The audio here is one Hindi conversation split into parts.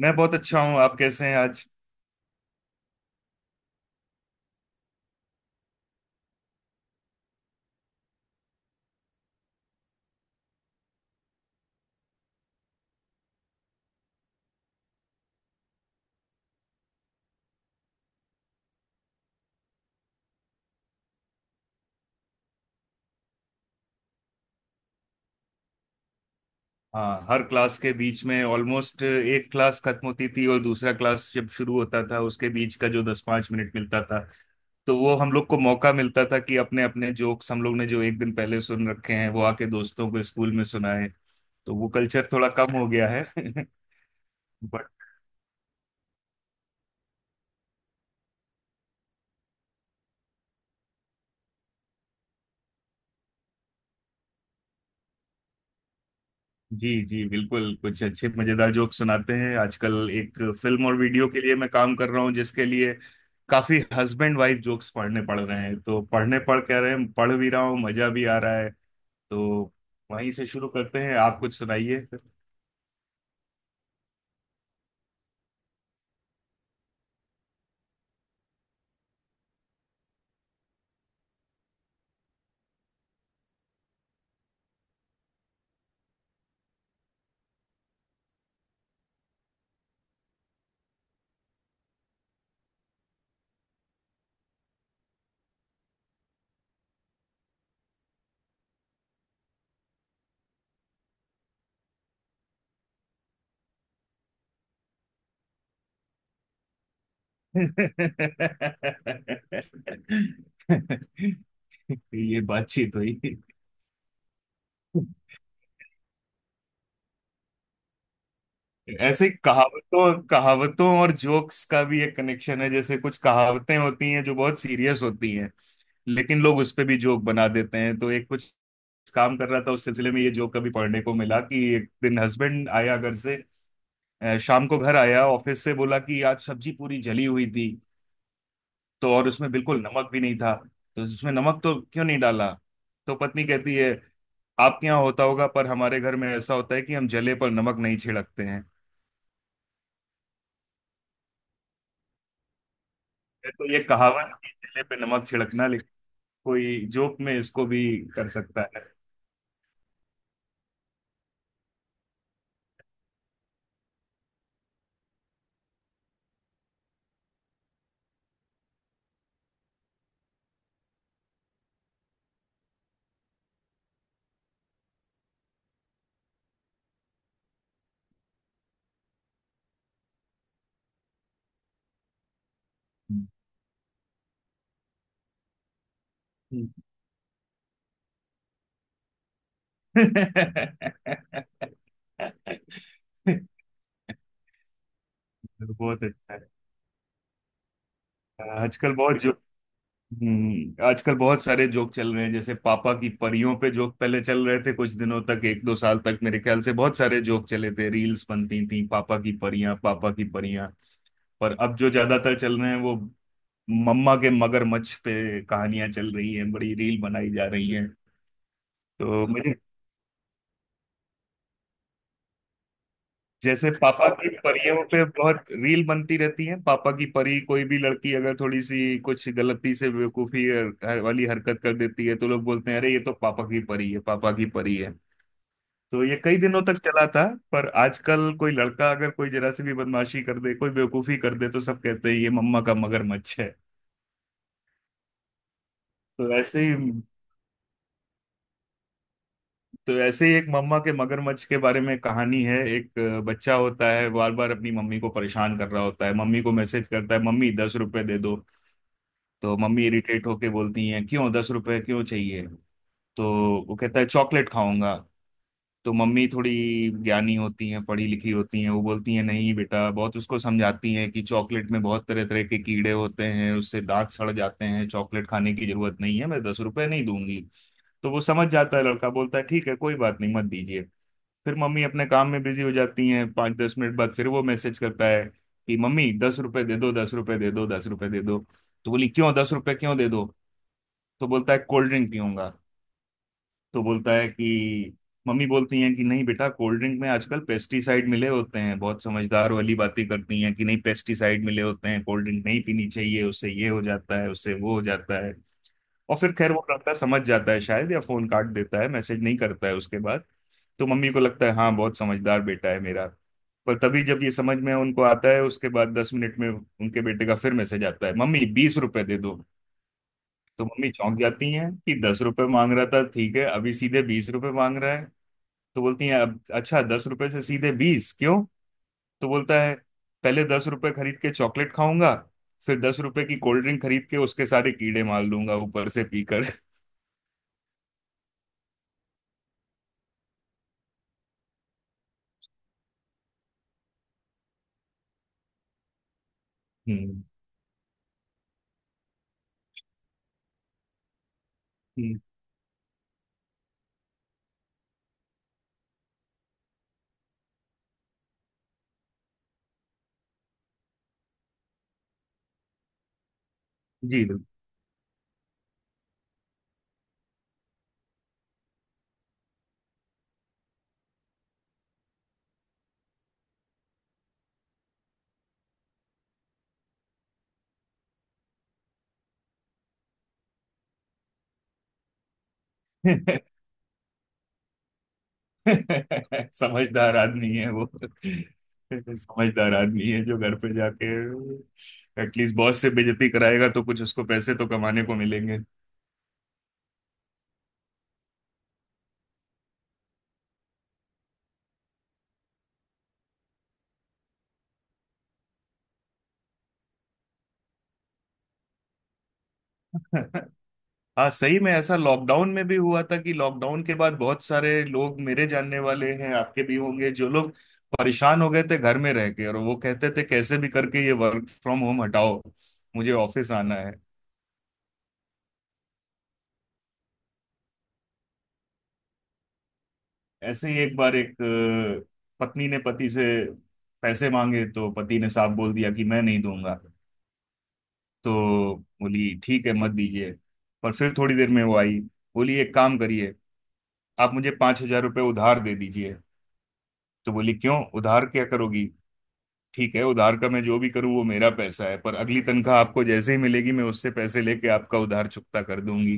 मैं बहुत अच्छा हूँ। आप कैसे हैं आज? हाँ, हर क्लास के बीच में ऑलमोस्ट एक क्लास खत्म होती थी और दूसरा क्लास जब शुरू होता था उसके बीच का जो दस पांच मिनट मिलता था, तो वो हम लोग को मौका मिलता था कि अपने अपने जोक्स हम लोग ने जो एक दिन पहले सुन रखे हैं वो आके दोस्तों को स्कूल में सुनाए। तो वो कल्चर थोड़ा कम हो गया है। बट। जी जी बिल्कुल, कुछ अच्छे मजेदार जोक सुनाते हैं। आजकल एक फिल्म और वीडियो के लिए मैं काम कर रहा हूँ जिसके लिए काफी हस्बैंड वाइफ जोक्स पढ़ने पड़ रहे हैं। तो पढ़ने पढ़ कह रहे हैं, पढ़ भी रहा हूँ, मजा भी आ रहा है। तो वहीं से शुरू करते हैं, आप कुछ सुनाइए। ये बातचीत हुई। ऐसे ही कहावतों कहावतों और जोक्स का भी एक कनेक्शन है, जैसे कुछ कहावतें होती हैं जो बहुत सीरियस होती हैं लेकिन लोग उस पे भी जोक बना देते हैं। तो एक कुछ काम कर रहा था उस सिलसिले में, ये जोक कभी पढ़ने को मिला कि एक दिन हस्बैंड आया घर से, शाम को घर आया ऑफिस से, बोला कि आज सब्जी पूरी जली हुई थी। तो और उसमें बिल्कुल नमक भी नहीं था। तो उसमें नमक तो क्यों नहीं डाला? तो पत्नी कहती है आपके यहाँ होता होगा, पर हमारे घर में ऐसा होता है कि हम जले पर नमक नहीं छिड़कते हैं। तो ये कहावत कि जले पे नमक छिड़कना, लेकिन कोई जोक में इसको भी कर सकता है। बहुत अच्छा है। आजकल बहुत जो आजकल बहुत सारे जोक चल रहे हैं, जैसे पापा की परियों पे जोक पहले चल रहे थे कुछ दिनों तक, एक दो साल तक मेरे ख्याल से। बहुत सारे जोक चले थे, रील्स बनती थी पापा की परियां, पापा की परियां। पर अब जो ज्यादातर चल रहे हैं वो मम्मा के मगरमच्छ पे कहानियां चल रही हैं, बड़ी रील बनाई जा रही हैं। तो मुझे जैसे पापा की परियों पे बहुत रील बनती रहती है, पापा की परी। कोई भी लड़की अगर थोड़ी सी कुछ गलती से बेवकूफी वाली हरकत कर देती है तो लोग बोलते हैं अरे ये तो पापा की परी है, पापा की परी है। तो ये कई दिनों तक चला था। पर आजकल कोई लड़का अगर कोई जरा सी भी बदमाशी कर दे, कोई बेवकूफी कर दे, तो सब कहते हैं ये मम्मा का मगरमच्छ है। तो ऐसे ही तो ऐसे ही एक मम्मा के मगरमच्छ के बारे में कहानी है। एक बच्चा होता है, बार बार अपनी मम्मी को परेशान कर रहा होता है, मम्मी को मैसेज करता है मम्मी 10 रुपए दे दो। तो मम्मी इरिटेट होके बोलती हैं क्यों, 10 रुपए क्यों चाहिए? तो वो कहता है चॉकलेट खाऊंगा। तो मम्मी थोड़ी ज्ञानी होती हैं, पढ़ी लिखी होती हैं, वो बोलती हैं नहीं बेटा, बहुत उसको समझाती हैं कि चॉकलेट में बहुत तरह तरह के कीड़े होते हैं, उससे दांत सड़ जाते हैं, चॉकलेट खाने की जरूरत नहीं है, मैं 10 रुपए नहीं दूंगी। तो वो समझ जाता है, लड़का बोलता है ठीक है कोई बात नहीं, मत दीजिए। फिर मम्मी अपने काम में बिजी हो जाती हैं। पाँच दस मिनट बाद फिर वो मैसेज करता है कि मम्मी दस रुपए दे दो, दस रुपए दे दो, दस रुपए दे दो। तो बोली क्यों, दस रुपए क्यों दे दो? तो बोलता है कोल्ड ड्रिंक पीऊंगा। तो बोलता है कि मम्मी बोलती हैं कि नहीं बेटा, कोल्ड ड्रिंक में आजकल पेस्टिसाइड मिले होते हैं, बहुत समझदार वाली बातें करती हैं कि नहीं पेस्टिसाइड मिले होते हैं कोल्ड ड्रिंक नहीं पीनी चाहिए, उससे ये हो जाता है उससे वो हो जाता है। और फिर खैर वो लड़का समझ जाता है शायद, या फोन काट देता है, मैसेज नहीं करता है उसके बाद। तो मम्मी को लगता है हाँ बहुत समझदार बेटा है मेरा। पर तभी जब ये समझ में उनको आता है, उसके बाद 10 मिनट में उनके बेटे का फिर मैसेज आता है, मम्मी 20 रुपए दे दो। तो मम्मी चौंक जाती हैं कि दस रुपए मांग रहा था ठीक है, अभी सीधे 20 रुपए मांग रहा है। तो बोलती हैं अब अच्छा, दस रुपए से सीधे बीस क्यों? तो बोलता है पहले दस रुपए खरीद के चॉकलेट खाऊंगा, फिर दस रुपए की कोल्ड ड्रिंक खरीद के उसके सारे कीड़े मार लूंगा ऊपर से पीकर। हम्म, हम्म, जी बिल्कुल। समझदार आदमी है वो। समझदार आदमी है जो घर पे जाके एटलीस्ट बॉस से बेइज्जती कराएगा तो कुछ उसको पैसे तो कमाने को मिलेंगे। हाँ, सही में ऐसा लॉकडाउन में भी हुआ था कि लॉकडाउन के बाद बहुत सारे लोग मेरे जानने वाले हैं, आपके भी होंगे, जो लोग परेशान हो गए थे घर में रह के और वो कहते थे कैसे भी करके ये वर्क फ्रॉम होम हटाओ, मुझे ऑफिस आना है। ऐसे ही एक बार एक अ, पत्नी ने पति से पैसे मांगे तो पति ने साफ बोल दिया कि मैं नहीं दूंगा। तो बोली ठीक है मत दीजिए। पर फिर थोड़ी देर में वो आई, बोली एक काम करिए, आप मुझे 5,000 रुपये उधार दे दीजिए। तो बोली क्यों उधार, क्या करोगी? ठीक है उधार का मैं जो भी करूँ वो मेरा पैसा है, पर अगली तनख्वाह आपको जैसे ही मिलेगी मैं उससे पैसे लेके आपका उधार चुकता कर दूंगी।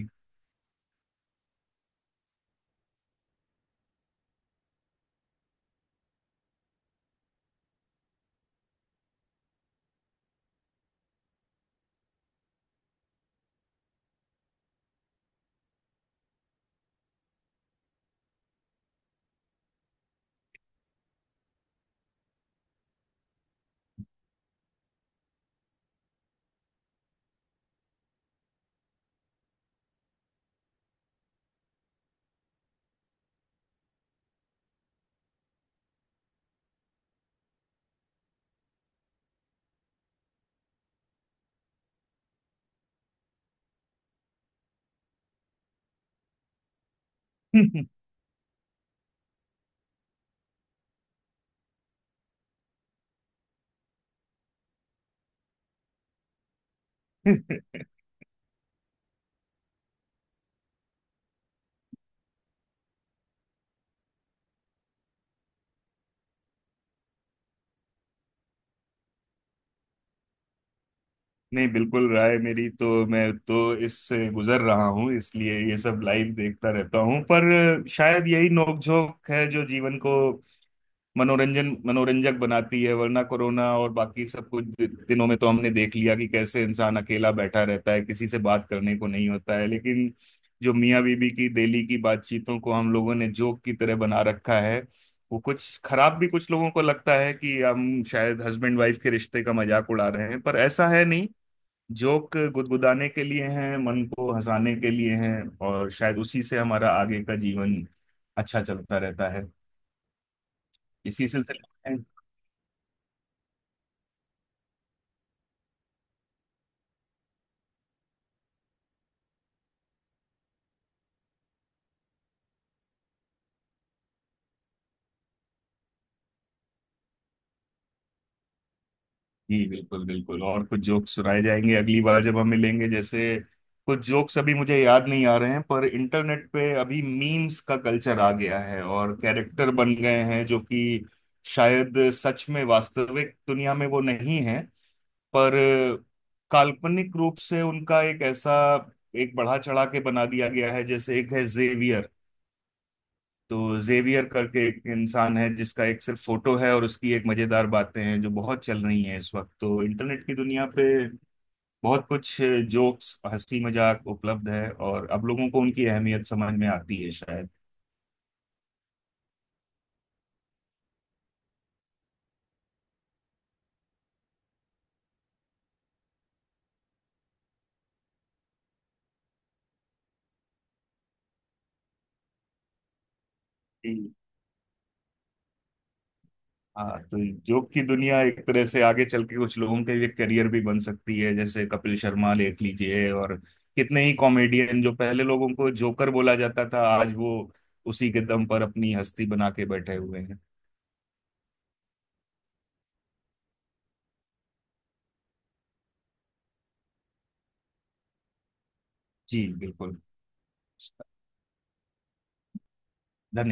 नहीं, बिल्कुल राय मेरी, तो मैं तो इससे गुजर रहा हूँ इसलिए ये सब लाइव देखता रहता हूँ। पर शायद यही नोकझोंक है जो जीवन को मनोरंजन मनोरंजक बनाती है, वरना कोरोना और बाकी सब कुछ दिनों में तो हमने देख लिया कि कैसे इंसान अकेला बैठा रहता है, किसी से बात करने को नहीं होता है। लेकिन जो मियाँ बीबी की डेली की बातचीतों को हम लोगों ने जोक की तरह बना रखा है, वो कुछ खराब भी कुछ लोगों को लगता है कि हम शायद हस्बैंड वाइफ के रिश्ते का मजाक उड़ा रहे हैं, पर ऐसा है नहीं। जोक गुदगुदाने के लिए हैं, मन को हंसाने के लिए हैं, और शायद उसी से हमारा आगे का जीवन अच्छा चलता रहता है। इसी सिलसिले में। जी बिल्कुल बिल्कुल, और कुछ जोक्स सुनाए जाएंगे अगली बार जब हम मिलेंगे, जैसे कुछ जोक्स अभी मुझे याद नहीं आ रहे हैं। पर इंटरनेट पे अभी मीम्स का कल्चर आ गया है और कैरेक्टर बन गए हैं जो कि शायद सच में वास्तविक दुनिया में वो नहीं है, पर काल्पनिक रूप से उनका एक ऐसा एक बढ़ा चढ़ा के बना दिया गया है। जैसे एक है जेवियर, तो जेवियर करके एक इंसान है जिसका एक सिर्फ फोटो है और उसकी एक मजेदार बातें हैं जो बहुत चल रही हैं इस वक्त। तो इंटरनेट की दुनिया पे बहुत कुछ जोक्स, हंसी मजाक उपलब्ध है और अब लोगों को उनकी अहमियत समझ में आती है शायद। जी। हाँ तो जोक की दुनिया एक तरह से आगे चल के कुछ लोगों के लिए करियर भी बन सकती है, जैसे कपिल शर्मा देख लीजिए और कितने ही कॉमेडियन जो पहले लोगों को जोकर बोला जाता था आज वो उसी के दम पर अपनी हस्ती बना के बैठे हुए हैं। जी बिल्कुल। धन्यवाद।